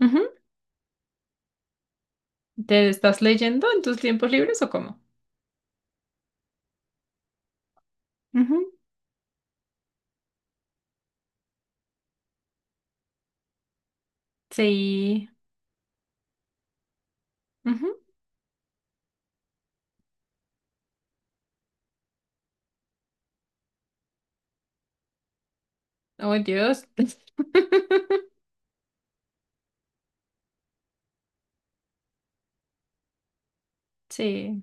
Ujú. ¿Te estás leyendo en tus tiempos libres o cómo? Ujú. Sí. Ujú. Oh, Dios. Sí,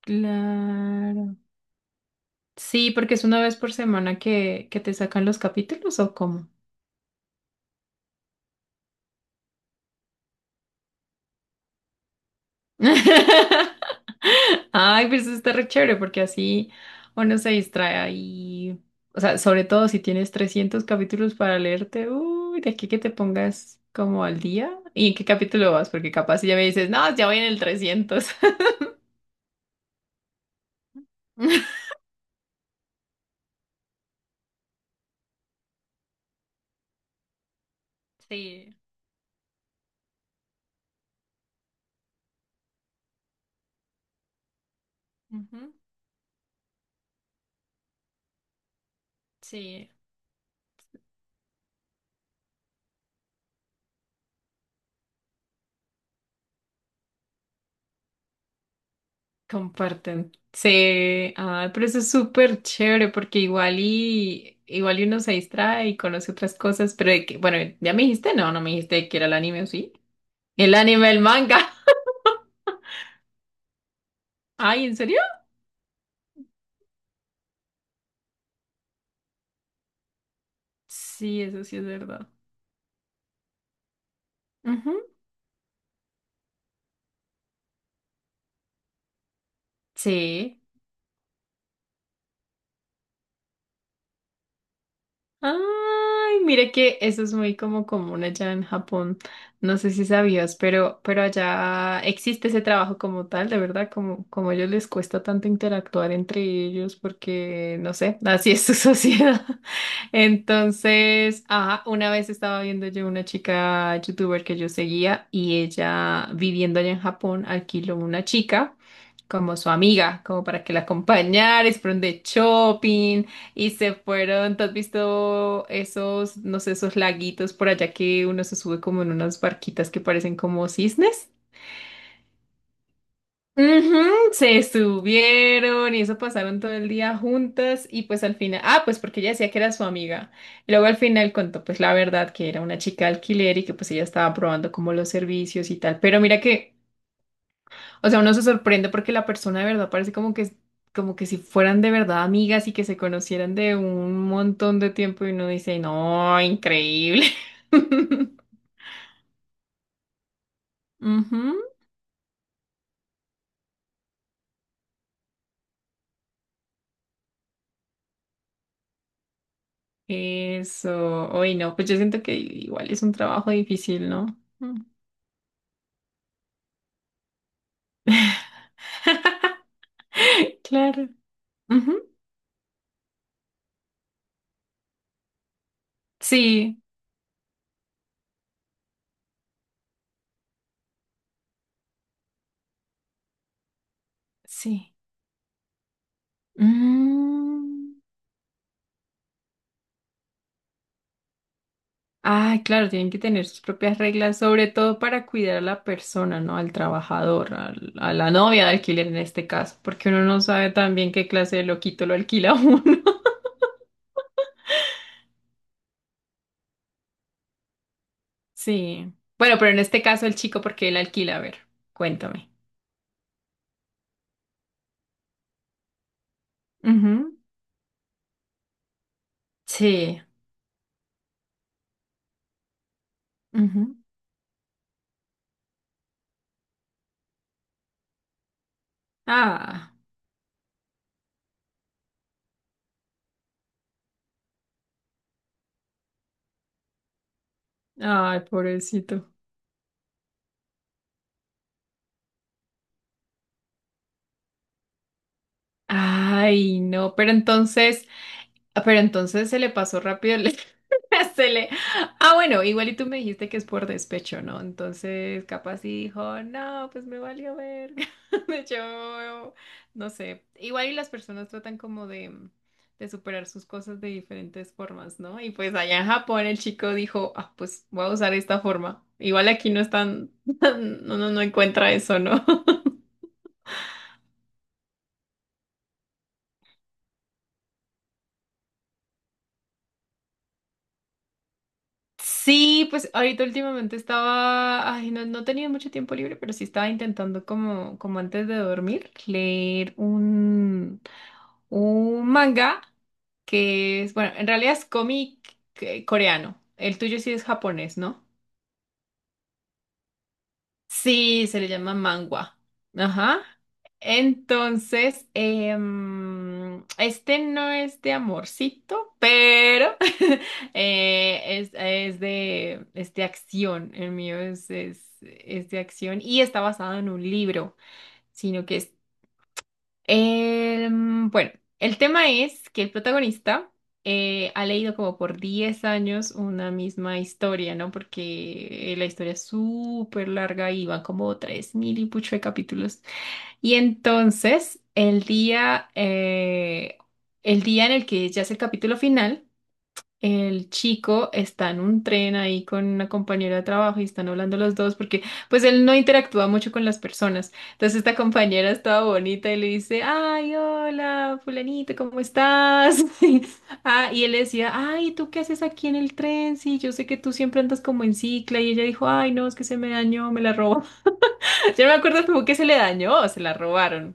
claro. Sí, porque es una vez por semana que te sacan los capítulos o cómo. Ay, pues eso está re chévere porque así uno se distrae y, o sea, sobre todo si tienes 300 capítulos para leerte, uy, de aquí que te pongas como al día. ¿Y en qué capítulo vas? Porque capaz si ya me dices, no, ya voy en el 300. Sí, ujú, sí, comparten. Sí, ah, pero eso es súper chévere porque igual y uno se distrae y conoce otras cosas, pero de que, bueno, ya me dijiste, no, no me dijiste que era el anime, ¿o sí? El anime, el manga. Ay, ¿en serio? Sí, eso sí es verdad. Ujú, sí. Ay, mire que eso es muy como común allá en Japón. No sé si sabías, pero allá existe ese trabajo como tal, de verdad, como a ellos les cuesta tanto interactuar entre ellos porque, no sé, así es su sociedad. Entonces, ajá, una vez estaba viendo yo una chica youtuber que yo seguía y ella viviendo allá en Japón alquiló una chica como su amiga, como para que la acompañara, y se fueron de shopping. Y se fueron, ¿te has visto esos, no sé, esos laguitos por allá que uno se sube como en unas barquitas que parecen como cisnes? Ujú, se subieron y eso, pasaron todo el día juntas y pues al final, ah, pues porque ella decía que era su amiga. Y luego al final contó pues la verdad que era una chica de alquiler y que pues ella estaba probando como los servicios y tal. Pero mira que, o sea, uno se sorprende porque la persona de verdad parece como que si fueran de verdad amigas y que se conocieran de un montón de tiempo y uno dice, no, increíble. Ujú, eso, hoy no, pues yo siento que igual es un trabajo difícil, ¿no? Mm. Claro. Ujú, sí, sí. Mm. Ay, claro, tienen que tener sus propias reglas, sobre todo para cuidar a la persona, ¿no? Al trabajador, a la novia de alquiler en este caso, porque uno no sabe también qué clase de loquito lo alquila a uno. Sí. Bueno, pero en este caso el chico, ¿porque él alquila? A ver, cuéntame. Ujú. Sí. Ujú. Ah, ay, pobrecito. Ay, no, pero entonces. Ah, pero entonces se le pasó rápido se le. Ah, bueno, igual y tú me dijiste que es por despecho, ¿no? Entonces, capaz sí dijo, no, pues me valió ver. Yo, no sé. Igual y las personas tratan como de superar sus cosas de diferentes formas, ¿no? Y pues allá en Japón el chico dijo, ah, pues voy a usar esta forma. Igual aquí no están, no, no, no encuentra eso, ¿no? Sí, pues ahorita últimamente estaba, ay, no, no tenía mucho tiempo libre, pero sí estaba intentando como antes de dormir, leer un manga que es, bueno, en realidad es cómic coreano. El tuyo sí es japonés, ¿no? Sí, se le llama mangua. Ajá. Entonces, este no es de amorcito, pero es de acción. El mío es de acción y está basado en un libro, sino que es. Bueno, el tema es que el protagonista ha leído como por 10 años una misma historia, ¿no? Porque la historia es súper larga y van como 3000 y pucho de capítulos. Y entonces, el día en el que ya es el capítulo final, el chico está en un tren ahí con una compañera de trabajo y están hablando los dos porque pues él no interactúa mucho con las personas. Entonces esta compañera estaba bonita y le dice, ay, hola, fulanito, ¿cómo estás? Ah, y él le decía, ay, ¿tú qué haces aquí en el tren? Sí, yo sé que tú siempre andas como en cicla y ella dijo, ay, no, es que se me dañó, me la robó. Yo no me acuerdo como que se le dañó o se la robaron.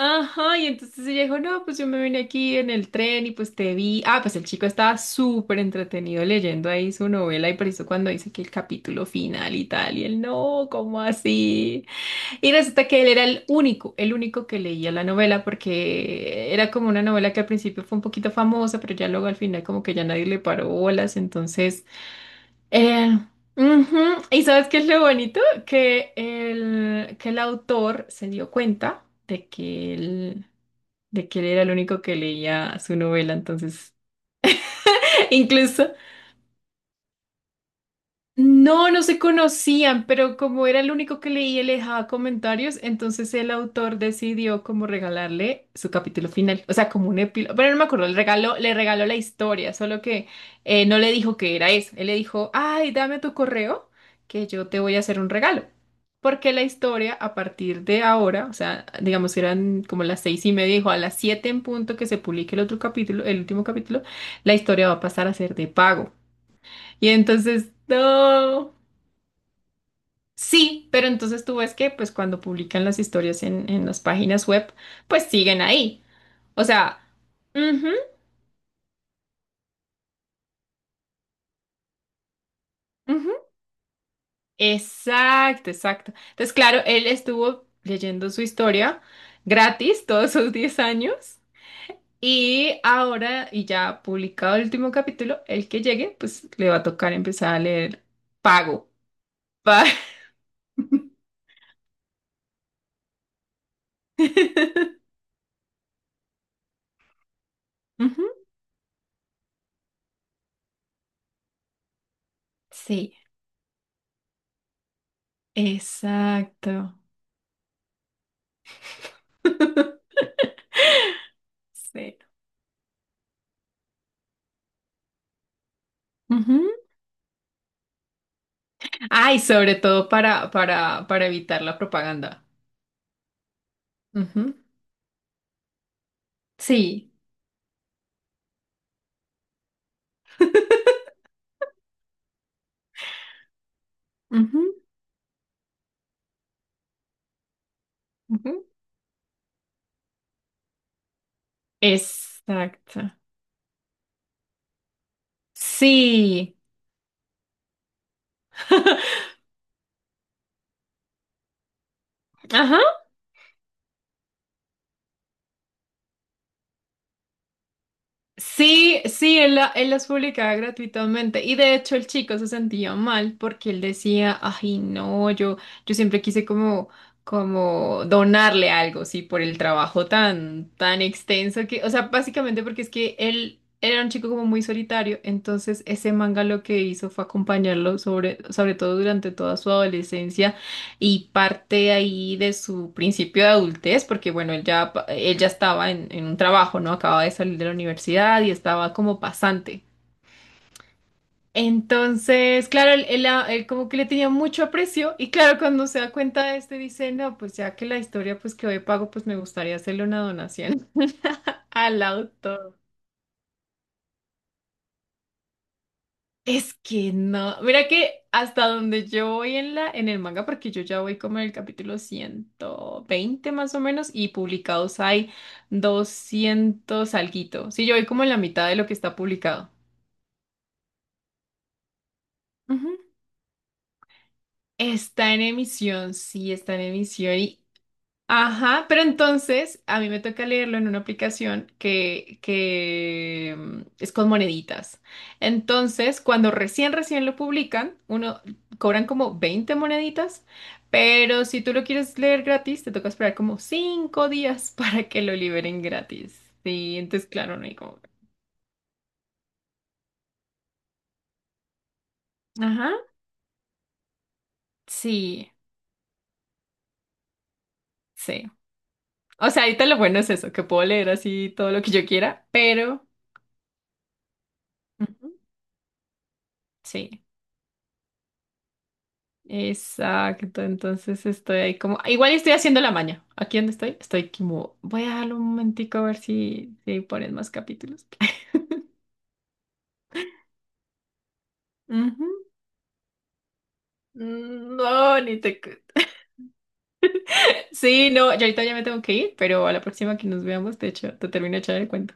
Ajá, y entonces ella dijo, no, pues yo me vine aquí en el tren y pues te vi. Ah, pues el chico estaba súper entretenido leyendo ahí su novela y por eso cuando dice que el capítulo final y tal, y él, no, ¿cómo así? Y resulta que él era el único que leía la novela porque era como una novela que al principio fue un poquito famosa, pero ya luego al final como que ya nadie le paró bolas, entonces. Eh, ujú. ¿Y sabes qué es lo bonito? Que el autor se dio cuenta de que él era el único que leía su novela, entonces incluso. No, no se conocían, pero como era el único que leía y le dejaba comentarios, entonces el autor decidió como regalarle su capítulo final, o sea, como un epílogo, pero no me acuerdo, le regaló la historia, solo que no le dijo que era eso, él le dijo, ay, dame tu correo, que yo te voy a hacer un regalo, porque la historia a partir de ahora, o sea, digamos que eran como las 6:30, dijo a las 7 en punto que se publique el otro capítulo, el último capítulo, la historia va a pasar a ser de pago. Y entonces, no. Sí, pero entonces tú ves que pues cuando publican las historias en las páginas web, pues siguen ahí. O sea, ujú, ujú, exacto, exacto. Entonces, claro, él estuvo leyendo su historia gratis todos sus 10 años y ahora, y ya publicado el último capítulo, el que llegue, pues le va a tocar empezar a leer pago. Pa- Ujú, sí, exacto. Sí. Ay, sobre todo para evitar la propaganda. Ujú. Sí. Ujú, ujú. Exacto. Sí. Ajá. Sí, sí, él las publicaba gratuitamente y de hecho el chico se sentía mal porque él decía, ay no, yo siempre quise como donarle algo, sí, por el trabajo tan, tan extenso que, o sea, básicamente porque es que él era un chico como muy solitario, entonces ese manga lo que hizo fue acompañarlo sobre todo durante toda su adolescencia y parte ahí de su principio de adultez, porque bueno, él ya estaba en un trabajo, ¿no? Acababa de salir de la universidad y estaba como pasante. Entonces, claro, él como que le tenía mucho aprecio y claro, cuando se da cuenta de este, dice, no, pues ya que la historia pues que hoy pago, pues me gustaría hacerle una donación al autor. Es que no, mira que hasta donde yo voy en el manga, porque yo ya voy como en el capítulo 120 más o menos, y publicados hay 200 alguito. Sí, yo voy como en la mitad de lo que está publicado. Ujú. Está en emisión, sí, está en emisión. Y ajá, pero entonces a mí me toca leerlo en una aplicación que es con moneditas. Entonces, cuando recién, recién lo publican, uno cobran como 20 moneditas, pero si tú lo quieres leer gratis, te toca esperar como 5 días para que lo liberen gratis. Sí, entonces, claro, no hay como. Ajá, sí, sí. O sea, ahorita lo bueno es eso, que puedo leer así todo lo que yo quiera, pero. Ujú, sí. Exacto, entonces estoy ahí como, igual estoy haciendo la maña. ¿Aquí donde estoy? Estoy como, voy a dejarlo un momentico a ver si ponen más capítulos. Ujú. Mm, no, ni te. Sí, no, yo ahorita ya me tengo que ir, pero a la próxima que nos veamos, de hecho, te termino de echar el cuento.